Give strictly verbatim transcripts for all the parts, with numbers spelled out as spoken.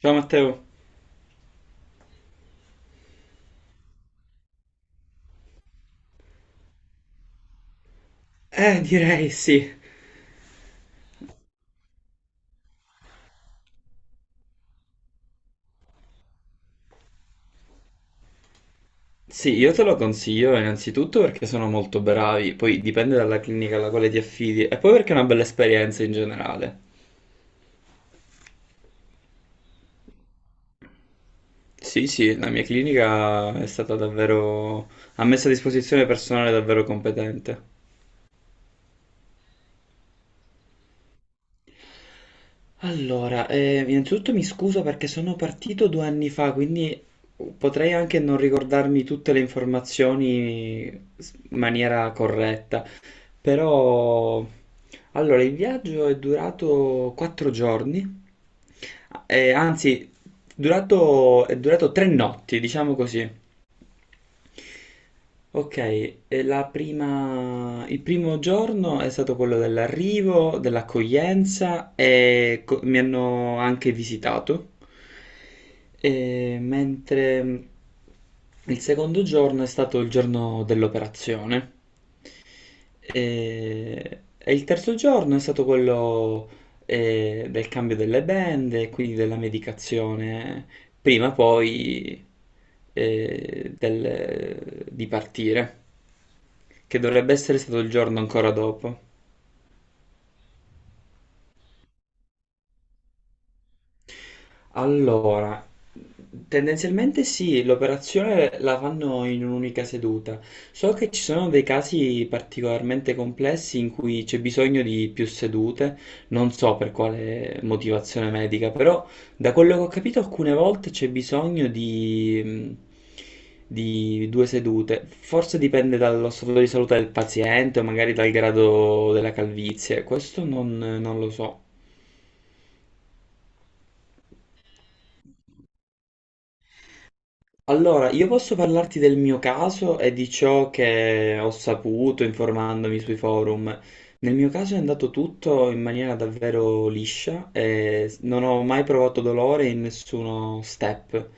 Ciao Matteo. Eh, direi sì. Sì, io te lo consiglio innanzitutto perché sono molto bravi, poi dipende dalla clinica alla quale ti affidi e poi perché è una bella esperienza in generale. Sì, sì, la mia clinica è stata davvero... ha messo a disposizione personale davvero competente. Allora, eh, innanzitutto mi scuso perché sono partito due anni fa, quindi potrei anche non ricordarmi tutte le informazioni in maniera corretta. Però, allora, il viaggio è durato quattro giorni, eh, anzi, durato- è durato tre notti, diciamo così. Ok, e la prima- il primo giorno è stato quello dell'arrivo, dell'accoglienza e co- mi hanno anche visitato, e mentre il secondo giorno è stato il giorno dell'operazione. E, e il terzo giorno è stato quello eh, del cambio delle band e quindi della medicazione, prima poi eh, del- di partire, che dovrebbe essere stato il giorno ancora dopo. Allora, tendenzialmente sì, l'operazione la fanno in un'unica seduta. So che ci sono dei casi particolarmente complessi in cui c'è bisogno di più sedute, non so per quale motivazione medica, però da quello che ho capito alcune volte c'è bisogno di, mm, di due sedute. Forse dipende dallo stato di salute del paziente o magari dal grado della calvizie, questo non non lo so. Allora, io posso parlarti del mio caso e di ciò che ho saputo informandomi sui forum. Nel mio caso è andato tutto in maniera davvero liscia e non ho mai provato dolore in nessuno step,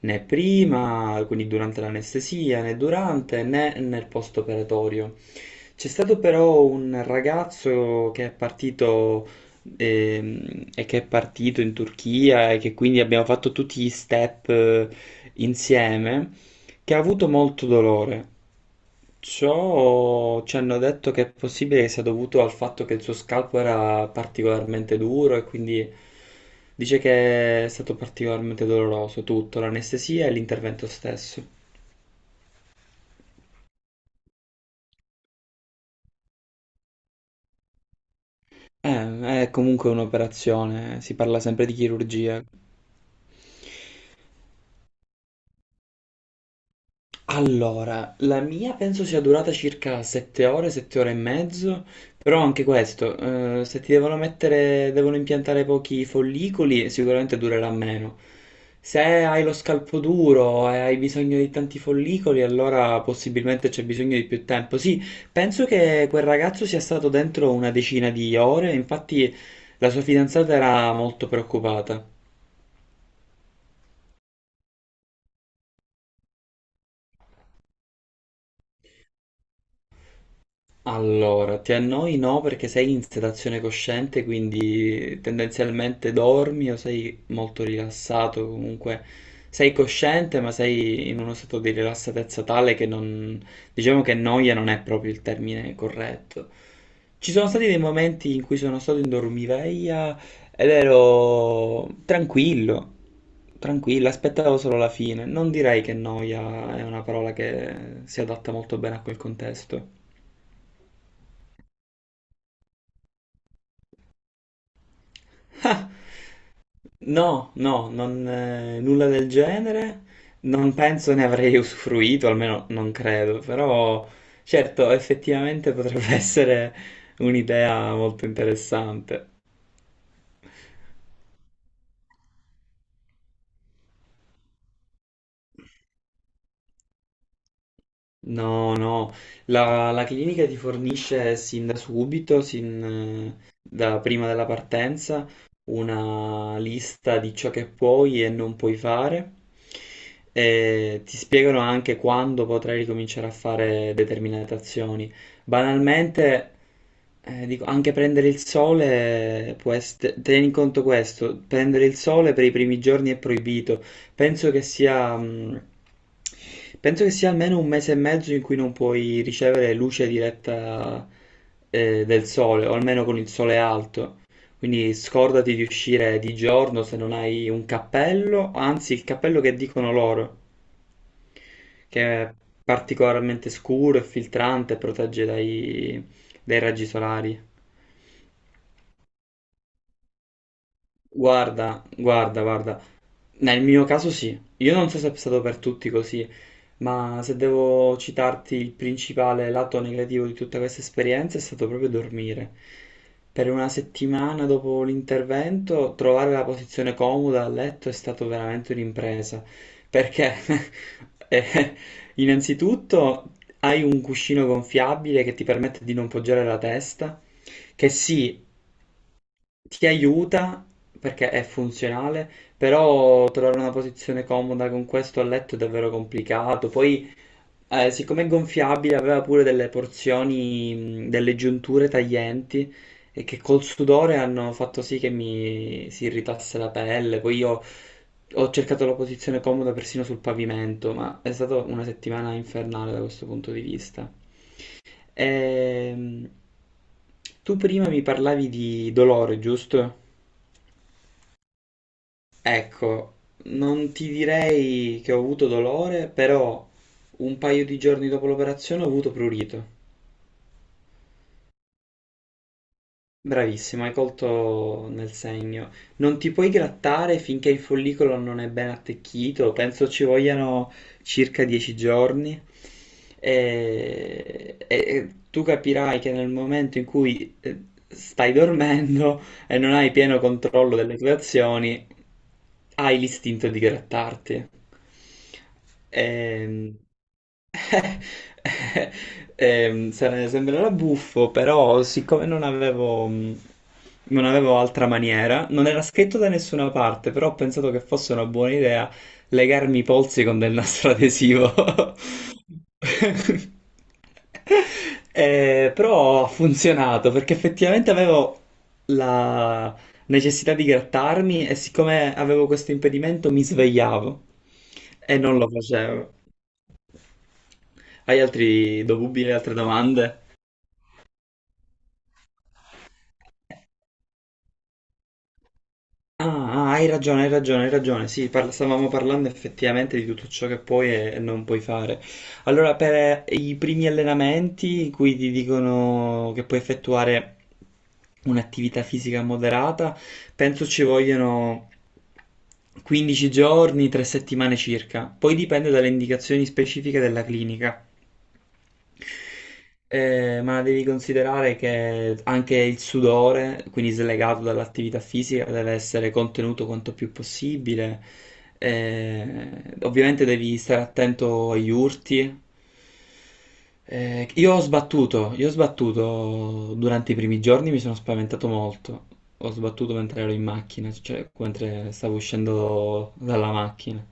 né prima, quindi durante l'anestesia, né durante, né nel post-operatorio. C'è stato però un ragazzo che è partito ehm, e che è partito in Turchia e che quindi abbiamo fatto tutti gli step eh, insieme, che ha avuto molto dolore. Ciò ci hanno detto che è possibile che sia dovuto al fatto che il suo scalpo era particolarmente duro e quindi dice che è stato particolarmente doloroso tutto, l'anestesia e l'intervento stesso. Eh, è comunque un'operazione, si parla sempre di chirurgia. Allora, la mia penso sia durata circa sette ore, sette ore e mezzo, però anche questo, eh, se ti devono mettere, devono impiantare pochi follicoli, sicuramente durerà meno. Se hai lo scalpo duro e hai bisogno di tanti follicoli, allora possibilmente c'è bisogno di più tempo. Sì, penso che quel ragazzo sia stato dentro una decina di ore, infatti la sua fidanzata era molto preoccupata. Allora, ti annoi no perché sei in sedazione cosciente, quindi tendenzialmente dormi o sei molto rilassato, comunque sei cosciente ma sei in uno stato di rilassatezza tale che non... diciamo che noia non è proprio il termine corretto. Ci sono stati dei momenti in cui sono stato in dormiveglia ed ero tranquillo, tranquillo, aspettavo solo la fine. Non direi che noia è una parola che si adatta molto bene a quel contesto. No, no, non, eh, nulla del genere, non penso ne avrei usufruito, almeno non credo, però certo, effettivamente potrebbe essere un'idea molto interessante. No, no, la, la clinica ti fornisce sin da subito, sin eh, da prima della partenza, una lista di ciò che puoi e non puoi fare. E ti spiegano anche quando potrai ricominciare a fare determinate azioni. Banalmente, eh, dico, anche prendere il sole può essere, tieni conto questo, prendere il sole per i primi giorni è proibito. Penso che sia, mh, Penso che sia almeno un mese e mezzo in cui non puoi ricevere luce diretta, eh, del sole, o almeno con il sole alto. Quindi scordati di uscire di giorno se non hai un cappello, anzi il cappello che dicono loro, che è particolarmente scuro e filtrante e protegge dai, dai raggi solari. Guarda, guarda, guarda. Nel mio caso sì. Io non so se è stato per tutti così, ma se devo citarti il principale lato negativo di tutta questa esperienza è stato proprio dormire. Per una settimana dopo l'intervento trovare la posizione comoda a letto è stato veramente un'impresa, perché eh, innanzitutto hai un cuscino gonfiabile che ti permette di non poggiare la testa, che sì, ti aiuta perché è funzionale, però trovare una posizione comoda con questo a letto è davvero complicato. Poi eh, siccome è gonfiabile aveva pure delle porzioni, mh, delle giunture taglienti e che col sudore hanno fatto sì che mi si irritasse la pelle. Poi io ho cercato la posizione comoda persino sul pavimento, ma è stata una settimana infernale da questo punto di vista. Ehm, Tu prima mi parlavi di dolore, giusto? Ecco, non ti direi che ho avuto dolore, però un paio di giorni dopo l'operazione ho avuto prurito. Bravissimo, hai colto nel segno. Non ti puoi grattare finché il follicolo non è ben attecchito, penso ci vogliano circa dieci giorni. E, e- e tu capirai che nel momento in cui eh, stai dormendo e non hai pieno controllo delle tue azioni, hai l'istinto di grattarti. Ehm, Ehm, sare- sembrerà buffo, però siccome non avevo, mh, non avevo altra maniera, non era scritto da nessuna parte, però ho pensato che fosse una buona idea legarmi i polsi con del nastro adesivo. Eh, però ha funzionato perché effettivamente avevo la necessità di grattarmi e siccome avevo questo impedimento mi svegliavo e non lo facevo. Hai altri dubbi, hai altre domande? Ah, ah, hai ragione, hai ragione, hai ragione. Sì, parla- stavamo parlando effettivamente di tutto ciò che puoi e e non puoi fare. Allora, per eh, i primi allenamenti in cui ti dicono che puoi effettuare un'attività fisica moderata, penso ci vogliono quindici giorni, tre settimane circa. Poi dipende dalle indicazioni specifiche della clinica. Eh, ma devi considerare che anche il sudore, quindi slegato dall'attività fisica, deve essere contenuto quanto più possibile. Eh, ovviamente devi stare attento agli urti. Eh, io ho sbattuto, io ho sbattuto durante i primi giorni, mi sono spaventato molto. Ho sbattuto mentre ero in macchina, cioè mentre stavo uscendo dalla macchina.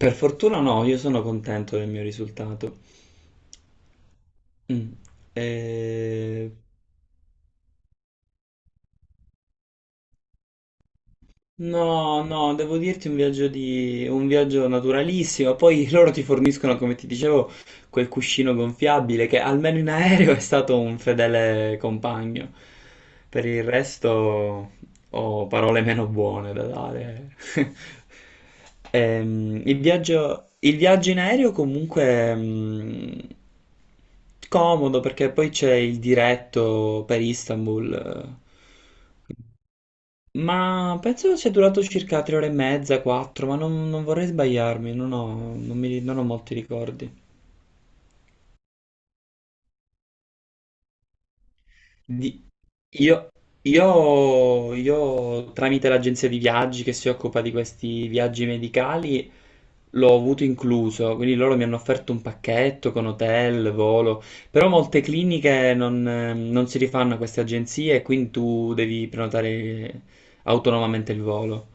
Per fortuna no, io sono contento del mio risultato. Mm. Eh, no, no, devo dirti un viaggio, di... un viaggio naturalissimo. Poi loro ti forniscono, come ti dicevo, quel cuscino gonfiabile che almeno in aereo è stato un fedele compagno. Per il resto ho parole meno buone da dare. Ehm, il viaggio, il viaggio in aereo comunque mm, comodo perché poi c'è il diretto per Istanbul. Eh, ma penso sia durato circa tre ore e mezza, quattro, ma non, non vorrei sbagliarmi, non ho, non mi- non ho molti ricordi. Di- io, io- io, Tramite l'agenzia di viaggi che si occupa di questi viaggi medicali, l'ho avuto incluso, quindi loro mi hanno offerto un pacchetto con hotel, volo, però molte cliniche non, eh, non si rifanno a queste agenzie e quindi tu devi prenotare autonomamente il volo.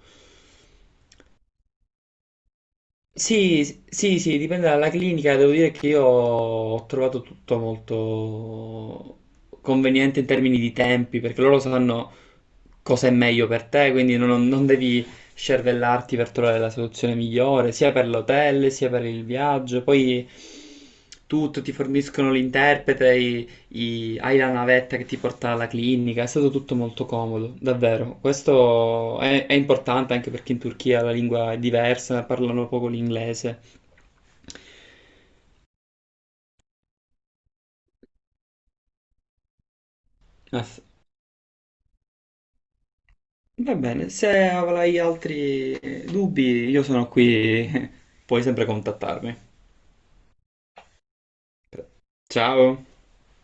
Sì, sì, sì, dipende dalla clinica. Devo dire che io ho trovato tutto molto conveniente in termini di tempi, perché loro sanno cosa è meglio per te, quindi non, non devi scervellarti per trovare la soluzione migliore, sia per l'hotel, sia per il viaggio. Poi tutto, ti forniscono l'interprete, i- hai la navetta che ti porta alla clinica, è stato tutto molto comodo, davvero. Questo è, è importante anche perché in Turchia la lingua è diversa, parlano poco l'inglese. Ah, f- Va bene, se avrai altri eh, dubbi, io sono qui, puoi sempre contattarmi. Ciao!